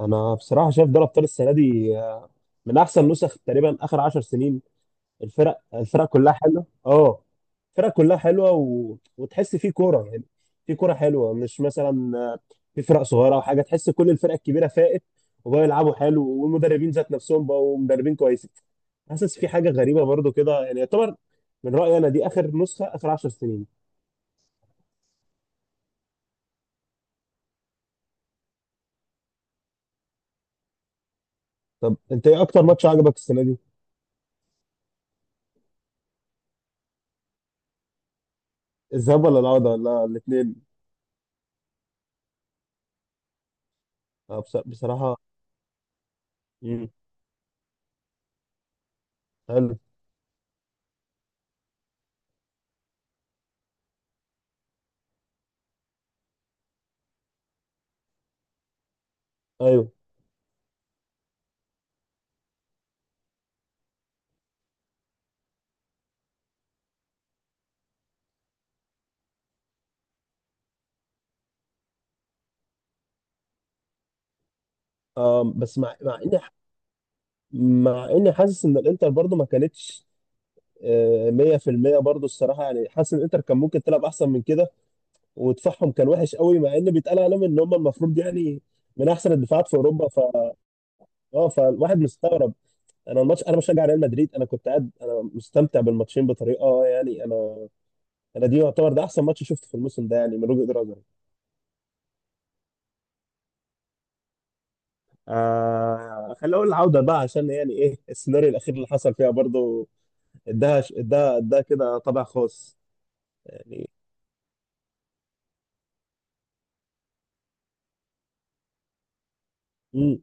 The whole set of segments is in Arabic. انا بصراحه شايف دوري ابطال السنه دي، من احسن نسخ تقريبا اخر 10 سنين. الفرق كلها حلوه، اه. الفرق كلها حلوه و... وتحس في كوره يعني، في كوره حلوه. مش مثلا في فرق صغيره او حاجه، تحس كل الفرق الكبيره فائت، وبقوا يلعبوا حلو، والمدربين ذات نفسهم بقوا مدربين كويسين. حاسس في حاجه غريبه برضو كده، يعني يعتبر من رايي انا دي اخر نسخه، اخر 10 سنين. طب انت ايه اكتر ماتش عجبك السنه دي؟ الذهاب ولا العوده ولا الاثنين؟ بصراحه. مم. حلو. ايوه. بس، مع اني حاسس ان الانتر برضو ما كانتش 100% برضو الصراحه، يعني حاسس ان الانتر كان ممكن تلعب احسن من كده، ودفاعهم كان وحش قوي، مع ان بيتقال عليهم ان هم المفروض يعني من احسن الدفاعات في اوروبا، ف اه فالواحد مستغرب. انا الماتش، انا بشجع ريال مدريد، انا كنت قاعد انا مستمتع بالماتشين بطريقه، يعني انا دي يعتبر ده احسن ماتش شفته في الموسم ده، يعني من وجهه نظري. خلينا اقول العوده بقى، عشان يعني ايه السيناريو الاخير اللي حصل فيها برضو، اداها كده طابع خاص يعني. مم.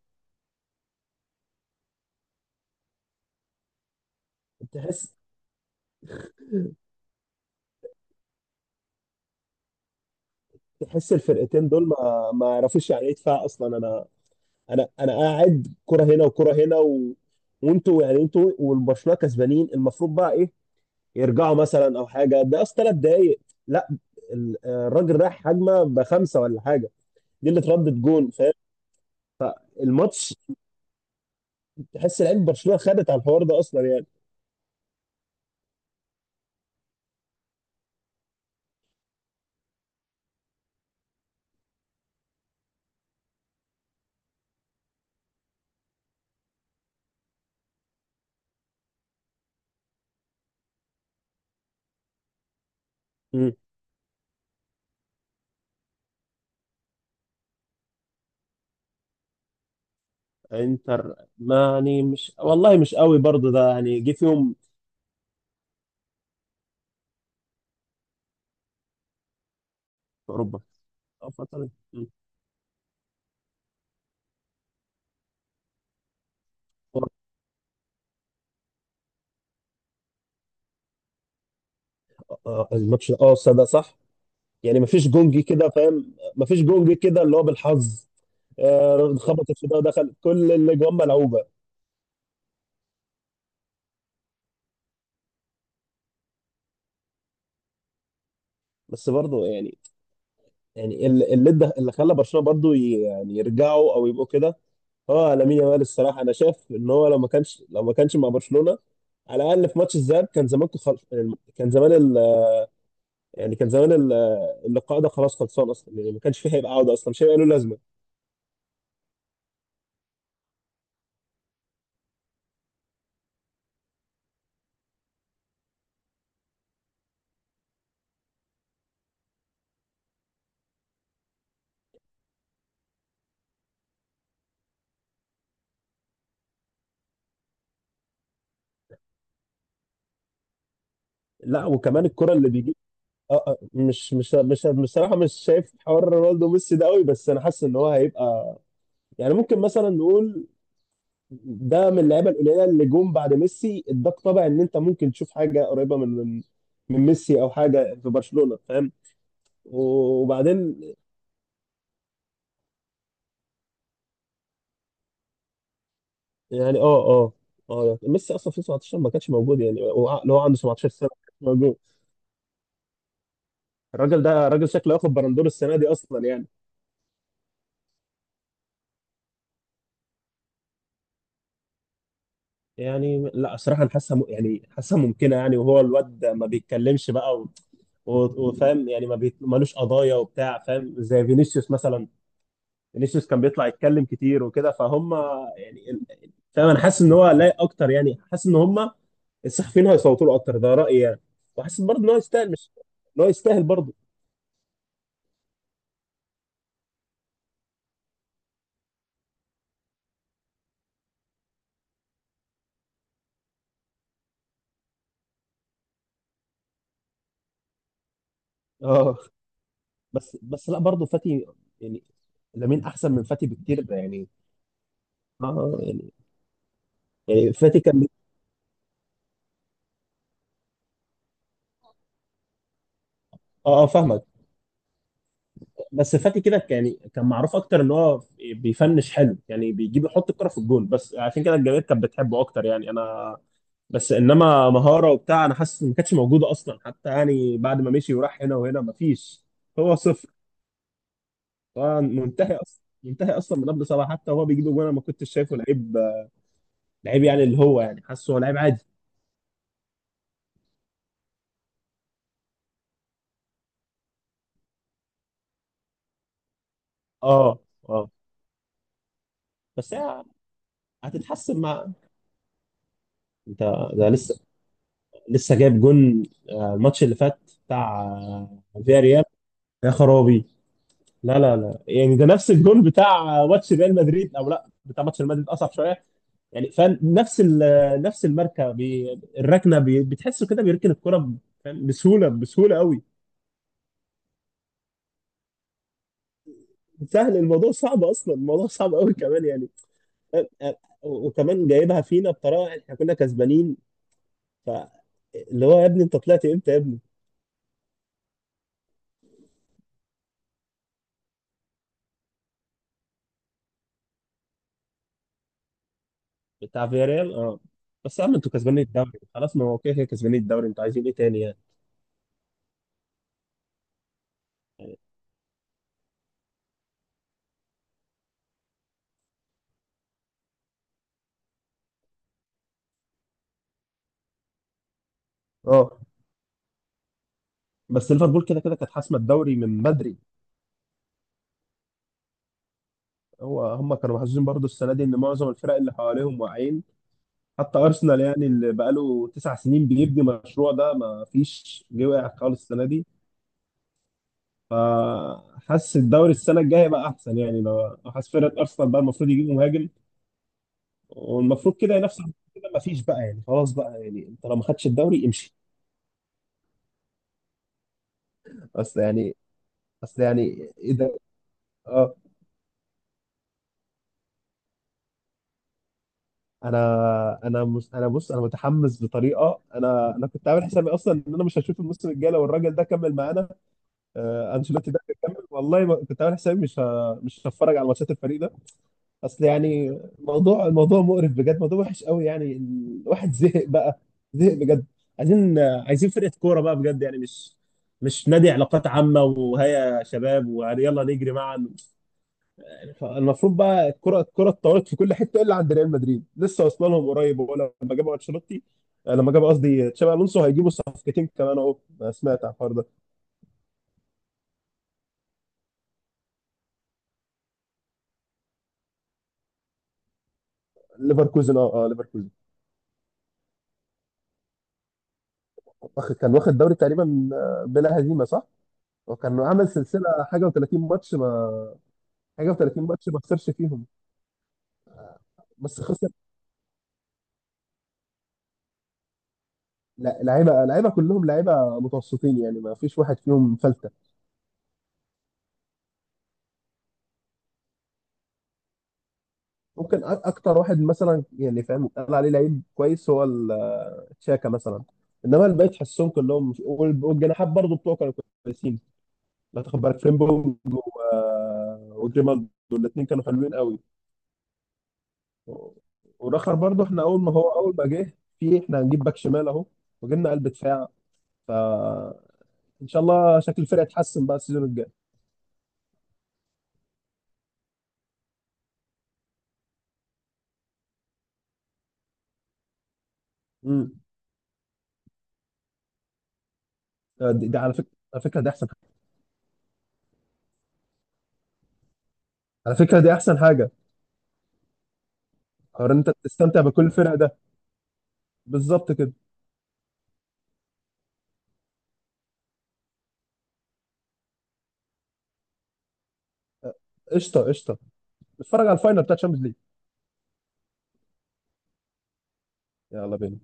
تحس تحس الفرقتين دول ما يعرفوش يعني ايه دفاع اصلا. انا انا قاعد كرة هنا وكرة هنا، و... وانتوا يعني، انتوا والبرشلونه كسبانين، المفروض بقى ايه، يرجعوا مثلا او حاجه؟ ده اصلا 3 دقايق. لا، الراجل رايح هجمه بخمسه ولا حاجه، دي اللي اتردت جون، فاهم؟ الماتش، تحس لعيبه برشلونه خدت على الحوار ده اصلا يعني. مم. انتر ما يعني، مش والله، مش قوي برضه ده يعني، جه فيهم. في اوروبا. اه فترة. الماتش، اه صدق، صح. يعني مفيش جونجي كده، فاهم؟ مفيش جونجي كده اللي هو بالحظ. خبطت في ده ودخل، كل الاجوان ملعوبه. بس برضه يعني، يعني اللي ده اللي خلى برشلونه برضه يعني يرجعوا او يبقوا كده، هو لامين يامال. الصراحه انا شايف ان هو، لو ما كانش مع برشلونه، على الاقل في ماتش الذهاب، كان زمان يعني كان زمان يعني كان زمان اللقاء ده خلاص خلصان اصلا يعني، ما كانش فيه هيبقى عوده اصلا، مش هيبقى له لازمه. لا، وكمان الكره اللي بيجيب. اه، مش بصراحه، مش شايف حوار رونالدو وميسي ده قوي، بس انا حاسس ان هو هيبقى يعني، ممكن مثلا نقول ده من اللعيبه القليله اللي جم بعد ميسي، اداك طبع ان انت ممكن تشوف حاجه قريبه من، من ميسي او حاجه في برشلونه، فاهم؟ وبعدين، يعني اه ميسي اصلا في 17 ما كانش موجود، يعني اللي هو عنده 17 سنه ما كانش موجود. الراجل ده راجل شكله ياخد بالندور السنه دي اصلا يعني. يعني لا، صراحه انا حاسسها، يعني حاسسها ممكنه يعني، وهو الواد ما بيتكلمش بقى، و- وفاهم يعني، ما بيت- مالوش قضايا وبتاع، فاهم؟ زي فينيسيوس مثلا، فينيسيوس كان بيطلع يتكلم كتير وكده، فهم يعني. فاهم انا حاسس ان هو لايق اكتر، يعني حاسس ان هم الصحفيين هيصوتوا له اكتر، ده رايي يعني. وحاسس برضه ان هو يستاهل، مش، ان هو يستاهل برضه. اه، بس لا برضه، فاتي يعني، لامين احسن من فاتي بكتير يعني. اه يعني فاتي كان. اه، فاهمك. بس فاتي كده، يعني كان معروف اكتر ان هو بيفنش حلو، يعني بيجيب يحط الكرة في الجون، بس عشان كده الجماهير كانت بتحبه اكتر يعني انا. بس انما مهارة وبتاع، انا حاسس إن ما كانتش موجودة اصلا حتى، يعني بعد ما مشي وراح هنا وهنا ما فيش، هو صفر. هو منتهي اصلا، منتهي اصلا من قبل صلاح، حتى هو بيجيب جون انا ما كنتش شايفه لعيب، لعيب يعني اللي هو يعني حاسه هو لعيب عادي. اه، اه، بس هي هتتحسن مع انت. ده لسه، لسه جايب جون، الماتش اللي فات، بتاع فياريال. يا خرابي. لا لا لا، يعني ده نفس الجون بتاع ماتش ريال مدريد، او لا بتاع ماتش ريال مدريد اصعب شويه يعني، فاهم؟ نفس الماركه. بي الركنه بي بتحسه كده، بيركن الكره فاهم؟ بسهوله، بسهوله قوي. سهل الموضوع؟ صعب اصلا، الموضوع صعب قوي كمان يعني، فاهم؟ و- وكمان جايبها فينا بطريقه احنا كنا كسبانين، ف اللي هو يا ابني انت طلعت امتى يا ابني؟ بتاع فياريال، اه. بس يا عم، انتوا كسبانين الدوري خلاص، ما هو كده كده كسبانين الدوري، انتوا عايزين ايه تاني يعني؟ اه، بس ليفربول كده كده كانت حاسمه الدوري من بدري. هو هم كانوا محظوظين برضو السنه دي، ان معظم الفرق اللي حواليهم واقعين، حتى ارسنال يعني اللي بقاله 9 سنين بيبني مشروع ده، ما فيش جه واقع خالص السنه دي. فحاسس الدوري السنه الجايه بقى احسن يعني، لو حاسس فرقه ارسنال بقى المفروض يجيبوا مهاجم، والمفروض كده ينافس على كده، ما فيش بقى يعني، خلاص بقى يعني، انت لو ما خدش الدوري، امشي. اصل يعني، اصل يعني ايه ده. اه، انا انا انا بص، انا متحمس بطريقه، انا كنت عامل حسابي اصلا، ان انا مش هشوف الموسم الجاي لو الراجل ده كمل معانا. انشيلوتي ده هيكمل والله، ما كنت عامل حسابي مش هتفرج على ماتشات الفريق ده. اصل يعني، الموضوع مقرف بجد، موضوع وحش قوي يعني، الواحد زهق بقى، زهق بجد. عايزين فرقة كورة بقى بجد، يعني مش نادي علاقات عامة، وهيا يا شباب ويلا نجري معا يعني. المفروض بقى، الكرة اتطورت في كل حتة، الا عند ريال مدريد، لسه واصله لهم قريب. هو لما جابوا انشيلوتي، لما جابوا قصدي تشابي الونسو، هيجيبوا صفقتين كمان اهو. سمعت عن الحوار ده. ليفركوزن، اه اه، ليفركوزن. كان واخد دوري تقريبا بلا هزيمه، صح؟ وكان عامل سلسله، حاجه و30 ماتش ما حاجه و30 ماتش ما خسرش فيهم. بس خسر. لا، لعيبه كلهم لعيبه متوسطين يعني، ما فيش واحد فيهم فلته. ممكن اكتر واحد، مثلا يعني فاهم قال عليه لعيب كويس، هو تشاكا مثلا، انما الباقي تحسهم كلهم، والجناحات برضه بتوعه كانوا كويسين. لا، تاخد بالك فريمبونج و- آه، وجريمالدو، الاثنين كانوا حلوين قوي. ورخر برضه، احنا اول ما هو، اول ما جه، في احنا هنجيب باك شمال اهو، وجبنا قلب دفاع، فان شاء الله شكل الفرقه يتحسن بقى السيزون الجاي. امم. دي على فكره، على فكره دي احسن، على فكره دي احسن حاجه. حوار ان انت تستمتع بكل الفرق ده، بالظبط كده. قشطه قشطه، نتفرج على الفاينل بتاع تشامبيونز ليج. يلا بينا.